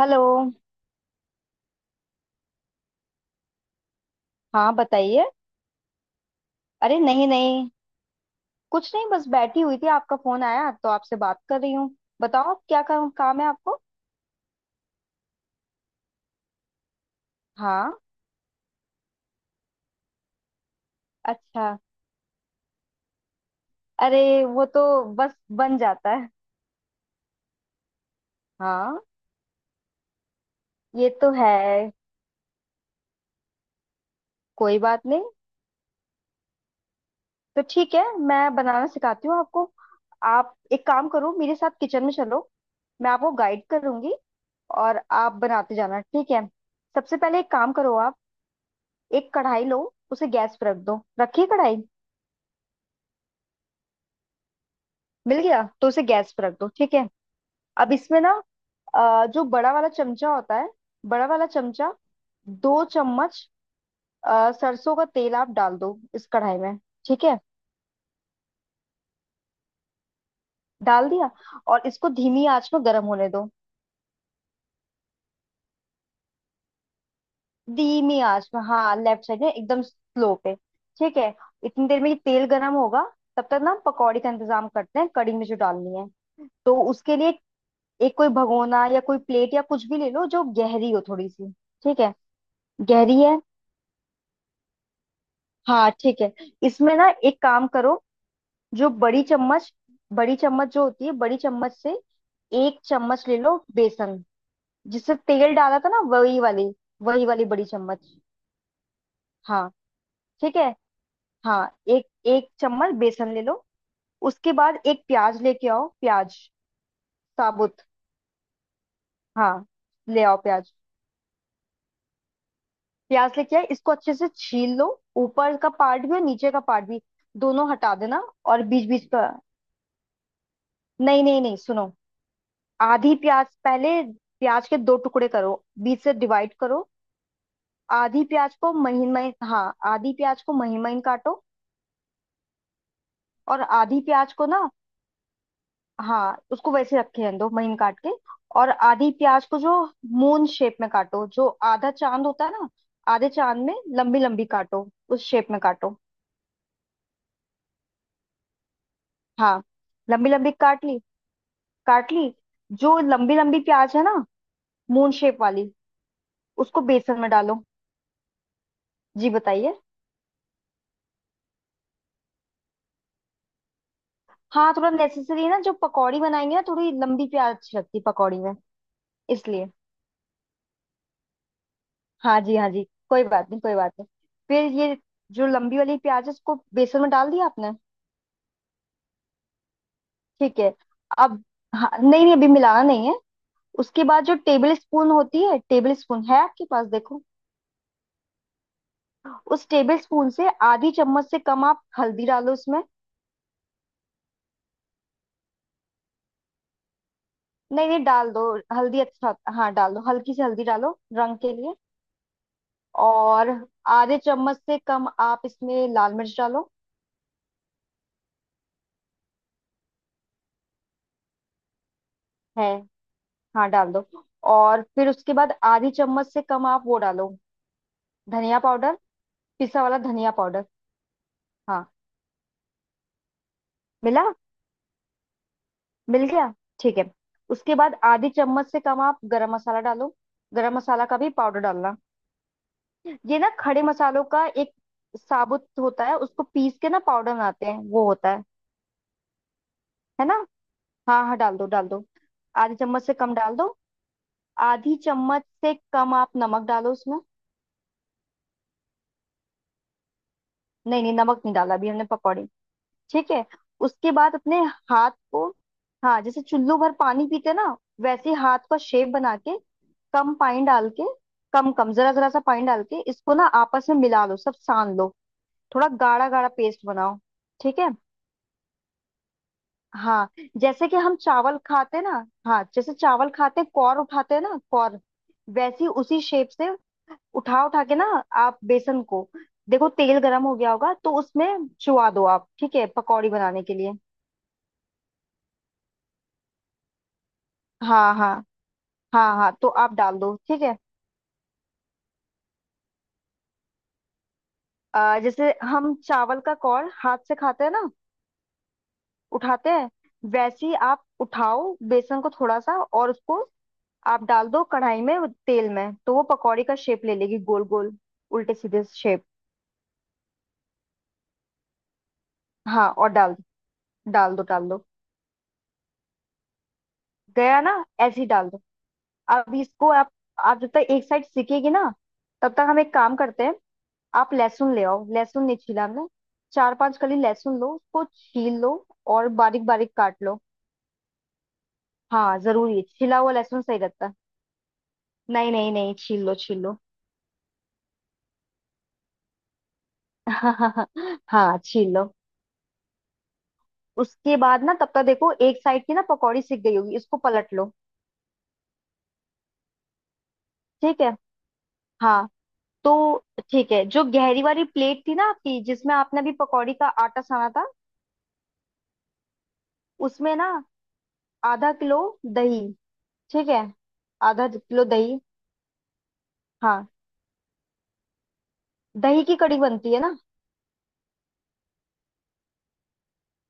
Hello. हाँ, बताइए। अरे, नहीं नहीं, कुछ नहीं, बस बैठी हुई थी, आपका फोन आया तो आपसे बात कर रही हूँ। बताओ क्या काम काम है आपको? हाँ। अच्छा। अरे, वो तो बस बन जाता है। हाँ, ये तो है। कोई बात नहीं। तो ठीक है, मैं बनाना सिखाती हूँ आपको। आप एक काम करो, मेरे साथ किचन में चलो, मैं आपको गाइड करूंगी, और आप बनाते जाना, ठीक है। सबसे पहले एक काम करो आप, एक कढ़ाई लो, उसे गैस पर रख दो, रखिए कढ़ाई। मिल गया? तो उसे गैस पर रख दो, ठीक है। अब इसमें ना, जो बड़ा वाला चमचा होता है, बड़ा वाला चमचा, दो चम्मच सरसों का तेल आप डाल दो इस कढ़ाई में। ठीक है। डाल दिया, और इसको धीमी आंच में गर्म होने दो। धीमी आंच में, हाँ, लेफ्ट साइड में एकदम स्लो पे। ठीक है। इतनी देर में ये तेल गर्म होगा, तब तक ना पकौड़ी का इंतजाम करते हैं, कड़ी में जो डालनी है। तो उसके लिए एक कोई भगोना या कोई प्लेट या कुछ भी ले लो जो गहरी हो थोड़ी सी। ठीक है। गहरी है? हाँ, ठीक है। इसमें ना एक काम करो, जो बड़ी चम्मच, बड़ी चम्मच जो होती है, बड़ी चम्मच से एक चम्मच ले लो बेसन। जिससे तेल डाला था ना, वही वाली, वही वाली बड़ी चम्मच। हाँ, ठीक है। हाँ, एक एक चम्मच बेसन ले लो। उसके बाद एक प्याज लेके आओ, प्याज, साबुत। हाँ, ले आओ प्याज। प्याज लेके आए, इसको अच्छे से छील लो, ऊपर का पार्ट भी और नीचे का पार्ट भी, दोनों हटा देना। और बीच बीच का, नहीं नहीं नहीं, सुनो। आधी प्याज पहले, प्याज के दो टुकड़े करो, बीच से डिवाइड करो। आधी प्याज को महीन महीन, हाँ, आधी प्याज को महीन महीन काटो, और आधी प्याज को ना, हाँ, उसको वैसे रखे रहने दो महीन काट के, और आधी प्याज को जो मून शेप में काटो, जो आधा चांद होता है ना, आधे चांद में लंबी लंबी काटो, उस शेप में काटो। हाँ, लंबी लंबी काट ली, काट ली। जो लंबी लंबी प्याज है ना, मून शेप वाली, उसको बेसन में डालो। जी बताइए। हाँ थोड़ा नेसेसरी है ना, जो पकौड़ी बनाएंगे ना, थोड़ी लंबी प्याज अच्छी लगती है पकौड़ी में, इसलिए। हाँ जी, हाँ जी, कोई बात नहीं, कोई बात नहीं। फिर ये, जो लंबी वाली प्याज है उसको बेसन में डाल दिया आपने। ठीक है। अब, हाँ नहीं नहीं, अभी मिलाना नहीं है। उसके बाद जो टेबल स्पून होती है, टेबल स्पून है आपके पास? देखो, उस टेबल स्पून से आधी चम्मच से कम आप हल्दी डालो उसमें। नहीं नहीं, डाल दो हल्दी, हाँ डाल दो, हल्की सी हल्दी डालो, रंग के लिए। और आधे चम्मच से कम आप इसमें लाल मिर्च डालो। है? हाँ डाल दो। और फिर उसके बाद आधी चम्मच से कम आप वो डालो, धनिया पाउडर, पिसा वाला धनिया पाउडर। हाँ मिला मिल गया। ठीक है। उसके बाद आधी चम्मच से कम आप गरम मसाला डालो, गरम मसाला का भी पाउडर डालना। ये ना खड़े मसालों का एक साबुत होता है, उसको पीस के ना पाउडर बनाते हैं, वो होता है। है ना? हाँ हाँ, डाल दो डाल दो, आधी चम्मच से कम डाल दो। आधी चम्मच से कम आप नमक डालो उसमें। नहीं नहीं, नमक नहीं डाला अभी हमने पकौड़े। ठीक है। उसके बाद अपने हाथ को, हाँ जैसे चुल्लू भर पानी पीते ना वैसे हाथ का शेप बना के, कम पानी डाल के, कम कम जरा जरा सा पानी डाल के इसको ना आपस में मिला लो, सब सान लो, थोड़ा गाढ़ा गाढ़ा पेस्ट बनाओ। ठीक है। हाँ, जैसे कि हम चावल खाते ना, हाँ जैसे चावल खाते कौर उठाते ना, कौर, वैसी उसी शेप से उठा उठा के ना आप बेसन को, देखो तेल गरम हो गया होगा, तो उसमें चुवा दो आप, ठीक है पकौड़ी बनाने के लिए। हाँ हाँ हाँ हाँ, तो आप डाल दो, ठीक है। जैसे हम चावल का कौर हाथ से खाते हैं ना, उठाते हैं, वैसे ही आप उठाओ बेसन को थोड़ा सा, और उसको आप डाल दो कढ़ाई में तेल में, तो वो पकौड़ी का शेप ले लेगी, गोल गोल उल्टे सीधे शेप। हाँ और डाल दो, डाल दो डाल दो, गया ना, ऐसे ही डाल दो। अब इसको आप जब तक एक साइड सीखेगी ना, तब तक हम एक काम करते हैं। आप लहसुन ले आओ, लहसुन नहीं छीला हमने। चार पांच कली लहसुन लो, उसको छील लो, और बारीक बारीक काट लो। हाँ जरूरी, छिला हुआ लहसुन सही रहता है। नहीं नहीं नहीं, छील लो छील लो। हाँ छील लो। उसके बाद ना, तब तक देखो एक साइड की ना पकौड़ी सिक गई होगी, इसको पलट लो। ठीक है। हाँ तो ठीक है, जो गहरी वाली प्लेट थी ना आपकी, जिसमें आपने अभी पकौड़ी का आटा साना था, उसमें ना आधा किलो दही, ठीक है, आधा किलो दही। हाँ, दही की कड़ी बनती है ना।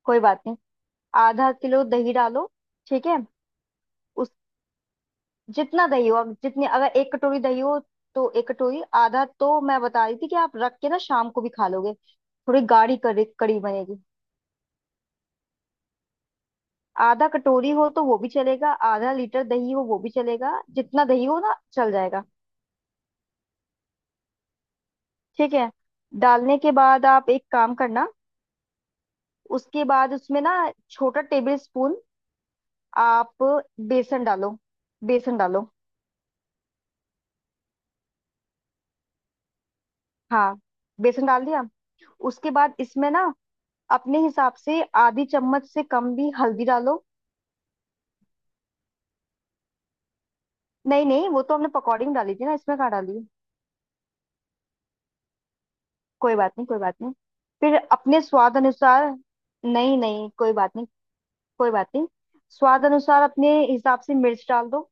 कोई बात नहीं। आधा किलो दही डालो। ठीक है। जितना दही हो, अब जितनी, अगर एक कटोरी दही हो तो एक कटोरी, आधा तो मैं बता रही थी कि आप रख के ना शाम को भी खा लोगे, थोड़ी गाढ़ी करी कड़ी बनेगी। आधा कटोरी हो तो वो भी चलेगा, आधा लीटर दही हो वो भी चलेगा, जितना दही हो ना चल जाएगा। ठीक है। डालने के बाद आप एक काम करना। उसके बाद उसमें ना, छोटा टेबल स्पून आप बेसन डालो, बेसन डालो। हाँ, बेसन डाल दिया। उसके बाद इसमें ना अपने हिसाब से आधी चम्मच से कम भी हल्दी डालो। नहीं नहीं, वो तो हमने पकौड़ी में डाली थी ना, इसमें कहाँ डाली? कोई बात नहीं, कोई बात नहीं। फिर अपने स्वाद अनुसार, नहीं नहीं कोई बात नहीं, कोई बात नहीं। स्वाद अनुसार, अपने हिसाब से मिर्च डाल दो।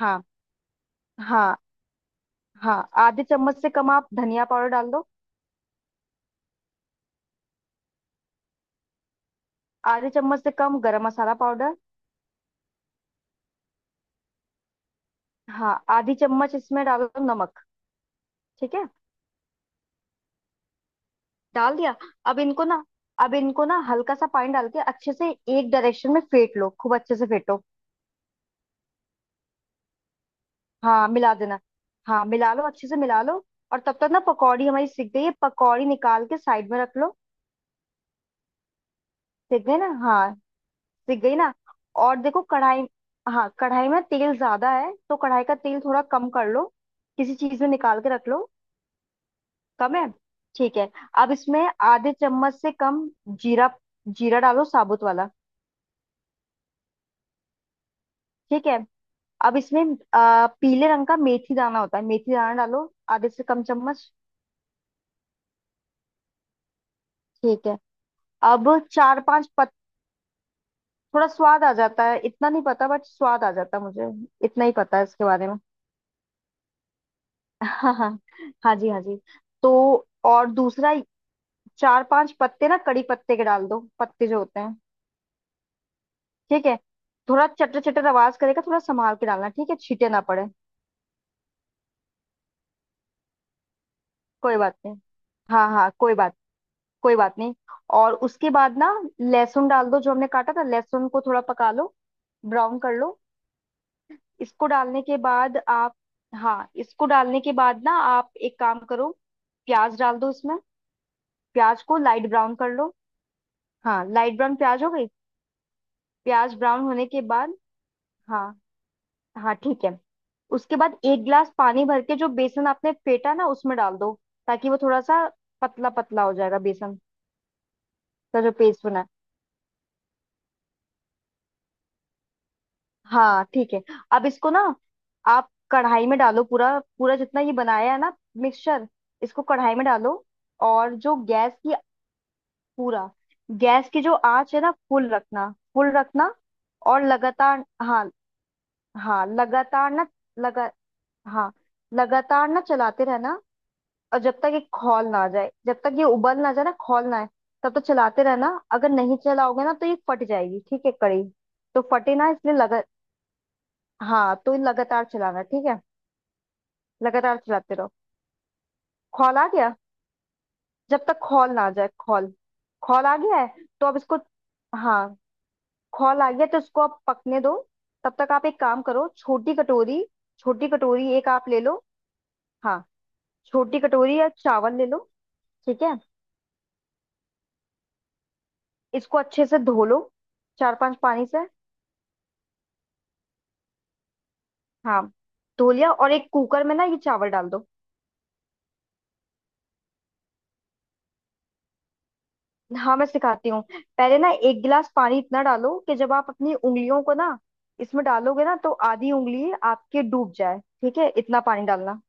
हाँ हाँ हाँ। आधे चम्मच से कम आप धनिया पाउडर डाल दो। आधे चम्मच से कम गरम मसाला पाउडर। हाँ, आधी चम्मच इसमें डाल दो नमक। ठीक है। डाल दिया। अब इनको ना, अब इनको ना हल्का सा पानी डाल के अच्छे से एक डायरेक्शन में फेंट लो, खूब अच्छे से फेंटो। हाँ मिला देना, हाँ मिला लो, अच्छे से मिला लो। और तब तक ना पकौड़ी हमारी सिक गई है, पकौड़ी निकाल के साइड में रख लो। सिक गई ना, हाँ सिक गई ना। और देखो कढ़ाई, हाँ कढ़ाई में तेल ज्यादा है तो कढ़ाई का तेल थोड़ा कम कर लो, किसी चीज में निकाल के रख लो। कम है? ठीक है। अब इसमें आधे चम्मच से कम जीरा, जीरा डालो साबुत वाला। ठीक है। अब इसमें, पीले रंग का मेथी दाना होता है, मेथी दाना डालो आधे से कम चम्मच। ठीक है। अब चार पांच थोड़ा स्वाद आ जाता है, इतना नहीं पता, बट स्वाद आ जाता है मुझे, इतना ही पता है इसके बारे में। हाँ हाँ, हाँ जी हाँ जी। तो और दूसरा, चार पांच पत्ते ना कड़ी पत्ते के डाल दो, पत्ते जो होते हैं। ठीक है। थोड़ा चटर चटर आवाज करेगा, थोड़ा संभाल के डालना ठीक है, छींटे ना पड़े। कोई बात नहीं, हाँ हाँ कोई बात, कोई बात नहीं। और उसके बाद ना लहसुन डाल दो, जो हमने काटा था लहसुन को थोड़ा पका लो, ब्राउन कर लो। इसको डालने के बाद आप, हाँ इसको डालने के बाद ना आप एक काम करो, प्याज डाल दो इसमें, प्याज को लाइट ब्राउन कर लो। हाँ, लाइट ब्राउन प्याज हो गई। प्याज ब्राउन होने के बाद, हाँ हाँ ठीक है, उसके बाद एक गिलास पानी भर के जो बेसन आपने फेटा ना उसमें डाल दो, ताकि वो थोड़ा सा पतला पतला हो जाएगा, बेसन का जो पेस्ट बना है। हाँ ठीक है। अब इसको ना आप कढ़ाई में डालो, पूरा पूरा जितना ये बनाया है ना, मिक्सचर, इसको कढ़ाई में डालो। और जो गैस की पूरा, गैस की जो आंच है ना, फुल रखना, फुल रखना। और लगातार, हाँ, हाँ लगातार ना, लगा हाँ लगातार ना चलाते रहना, और जब तक ये खौल ना आ जाए, जब तक ये उबल ना जाए ना, खौल ना आए, तब तक चलाते रहना, अगर नहीं चलाओगे ना तो ये फट जाएगी, ठीक है कड़ी। तो फटे ना, इसलिए लगा हाँ, तो ये लगातार चलाना, ठीक है, लगातार चलाते रहो। खौल आ गया? जब तक खौल ना आ जाए, खौल खौल आ गया है तो अब इसको, हाँ खौल आ गया तो उसको आप पकने दो। तब तक आप एक काम करो, छोटी कटोरी, छोटी कटोरी एक आप ले लो। हाँ छोटी कटोरी या चावल ले लो। ठीक है। इसको अच्छे से धो लो, चार पांच पानी से। हाँ धो लिया, और एक कुकर में ना ये चावल डाल दो। हाँ मैं सिखाती हूँ। पहले ना एक गिलास पानी इतना डालो कि जब आप अपनी उंगलियों को ना इसमें डालोगे ना, तो आधी उंगली आपके डूब जाए, ठीक है, इतना पानी डालना।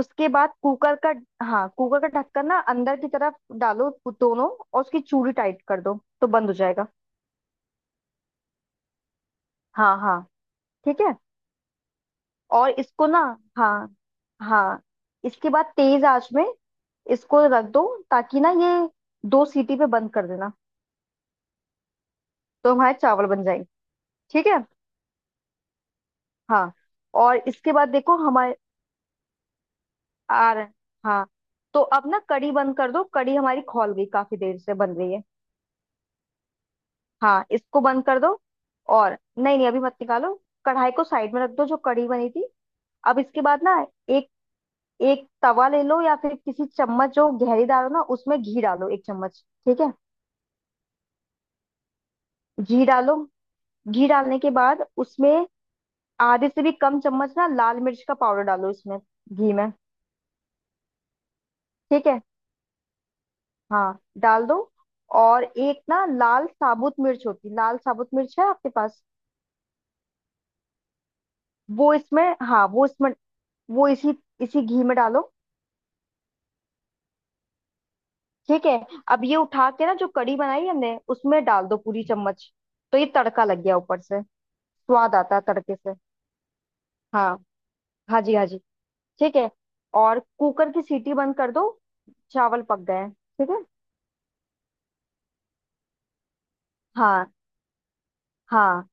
उसके बाद कुकर का, हाँ कुकर का ढक्कन ना अंदर की तरफ डालो, दोनों, और उसकी चूड़ी टाइट कर दो तो बंद हो जाएगा। हाँ हाँ ठीक है। और इसको ना, हाँ हाँ, इसके बाद तेज आंच में इसको रख दो, ताकि ना ये दो सीटी पे बंद कर देना, तो हमारे चावल बन जाएंगे। ठीक है। हाँ और इसके बाद देखो हमारे आ रहे, हाँ। तो अब ना कढ़ी बंद कर दो, कढ़ी हमारी खौल गई, काफी देर से बन रही है। हाँ, इसको बंद कर दो। और नहीं नहीं, अभी मत निकालो, कढ़ाई को साइड में रख दो जो कढ़ी बनी थी। अब इसके बाद ना एक एक तवा ले लो, या फिर किसी चम्मच जो गहरीदार हो ना उसमें घी डालो, एक चम्मच। ठीक है। घी डालो। घी डालने के बाद उसमें आधे से भी कम चम्मच ना लाल मिर्च का पाउडर डालो, इसमें घी में। ठीक है, हाँ डाल दो। और एक ना लाल साबुत मिर्च होती, लाल साबुत मिर्च है आपके पास? वो इसमें हाँ, वो इसमें वो इसी इसी घी में डालो। ठीक है। अब ये उठा के ना जो कढ़ी बनाई हमने उसमें डाल दो पूरी चम्मच, तो ये तड़का लग गया ऊपर से, स्वाद आता है तड़के से। हाँ हाँ जी हाँ जी, ठीक है। और कुकर की सीटी बंद कर दो, चावल पक गए हैं ठीक है। हाँ हाँ।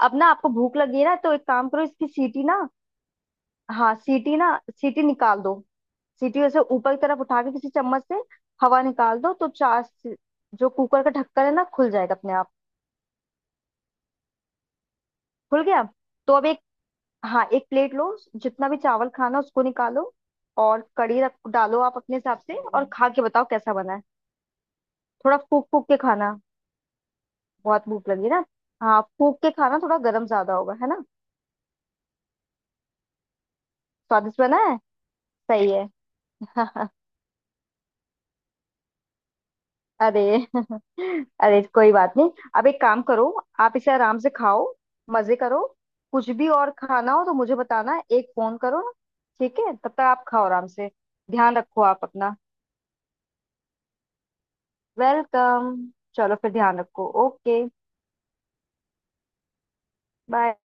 अब ना आपको भूख लगी है ना तो एक काम करो, इसकी सीटी ना, हाँ सीटी ना, सीटी निकाल दो, सीटी वैसे ऊपर की तरफ उठा के किसी चम्मच से हवा निकाल दो, तो चार, जो कुकर का ढक्कन है ना खुल जाएगा अपने आप। खुल गया तो अब, हाँ एक प्लेट लो, जितना भी चावल खाना उसको निकालो, और कड़ी रख डालो आप अपने हिसाब से, और खा के बताओ कैसा बना है। थोड़ा फूक फूक के खाना, बहुत भूख लगी ना, हाँ फूक के खाना थोड़ा गर्म ज्यादा होगा है ना। स्वादिष्ट बना है। सही है। अरे। अरे कोई बात नहीं। अब एक काम करो, आप इसे आराम से खाओ, मजे करो, कुछ भी और खाना हो तो मुझे बताना, एक फोन करो। ठीक है, तब तक आप खाओ आराम से, ध्यान रखो आप अपना। वेलकम। चलो फिर, ध्यान रखो। Okay, bye.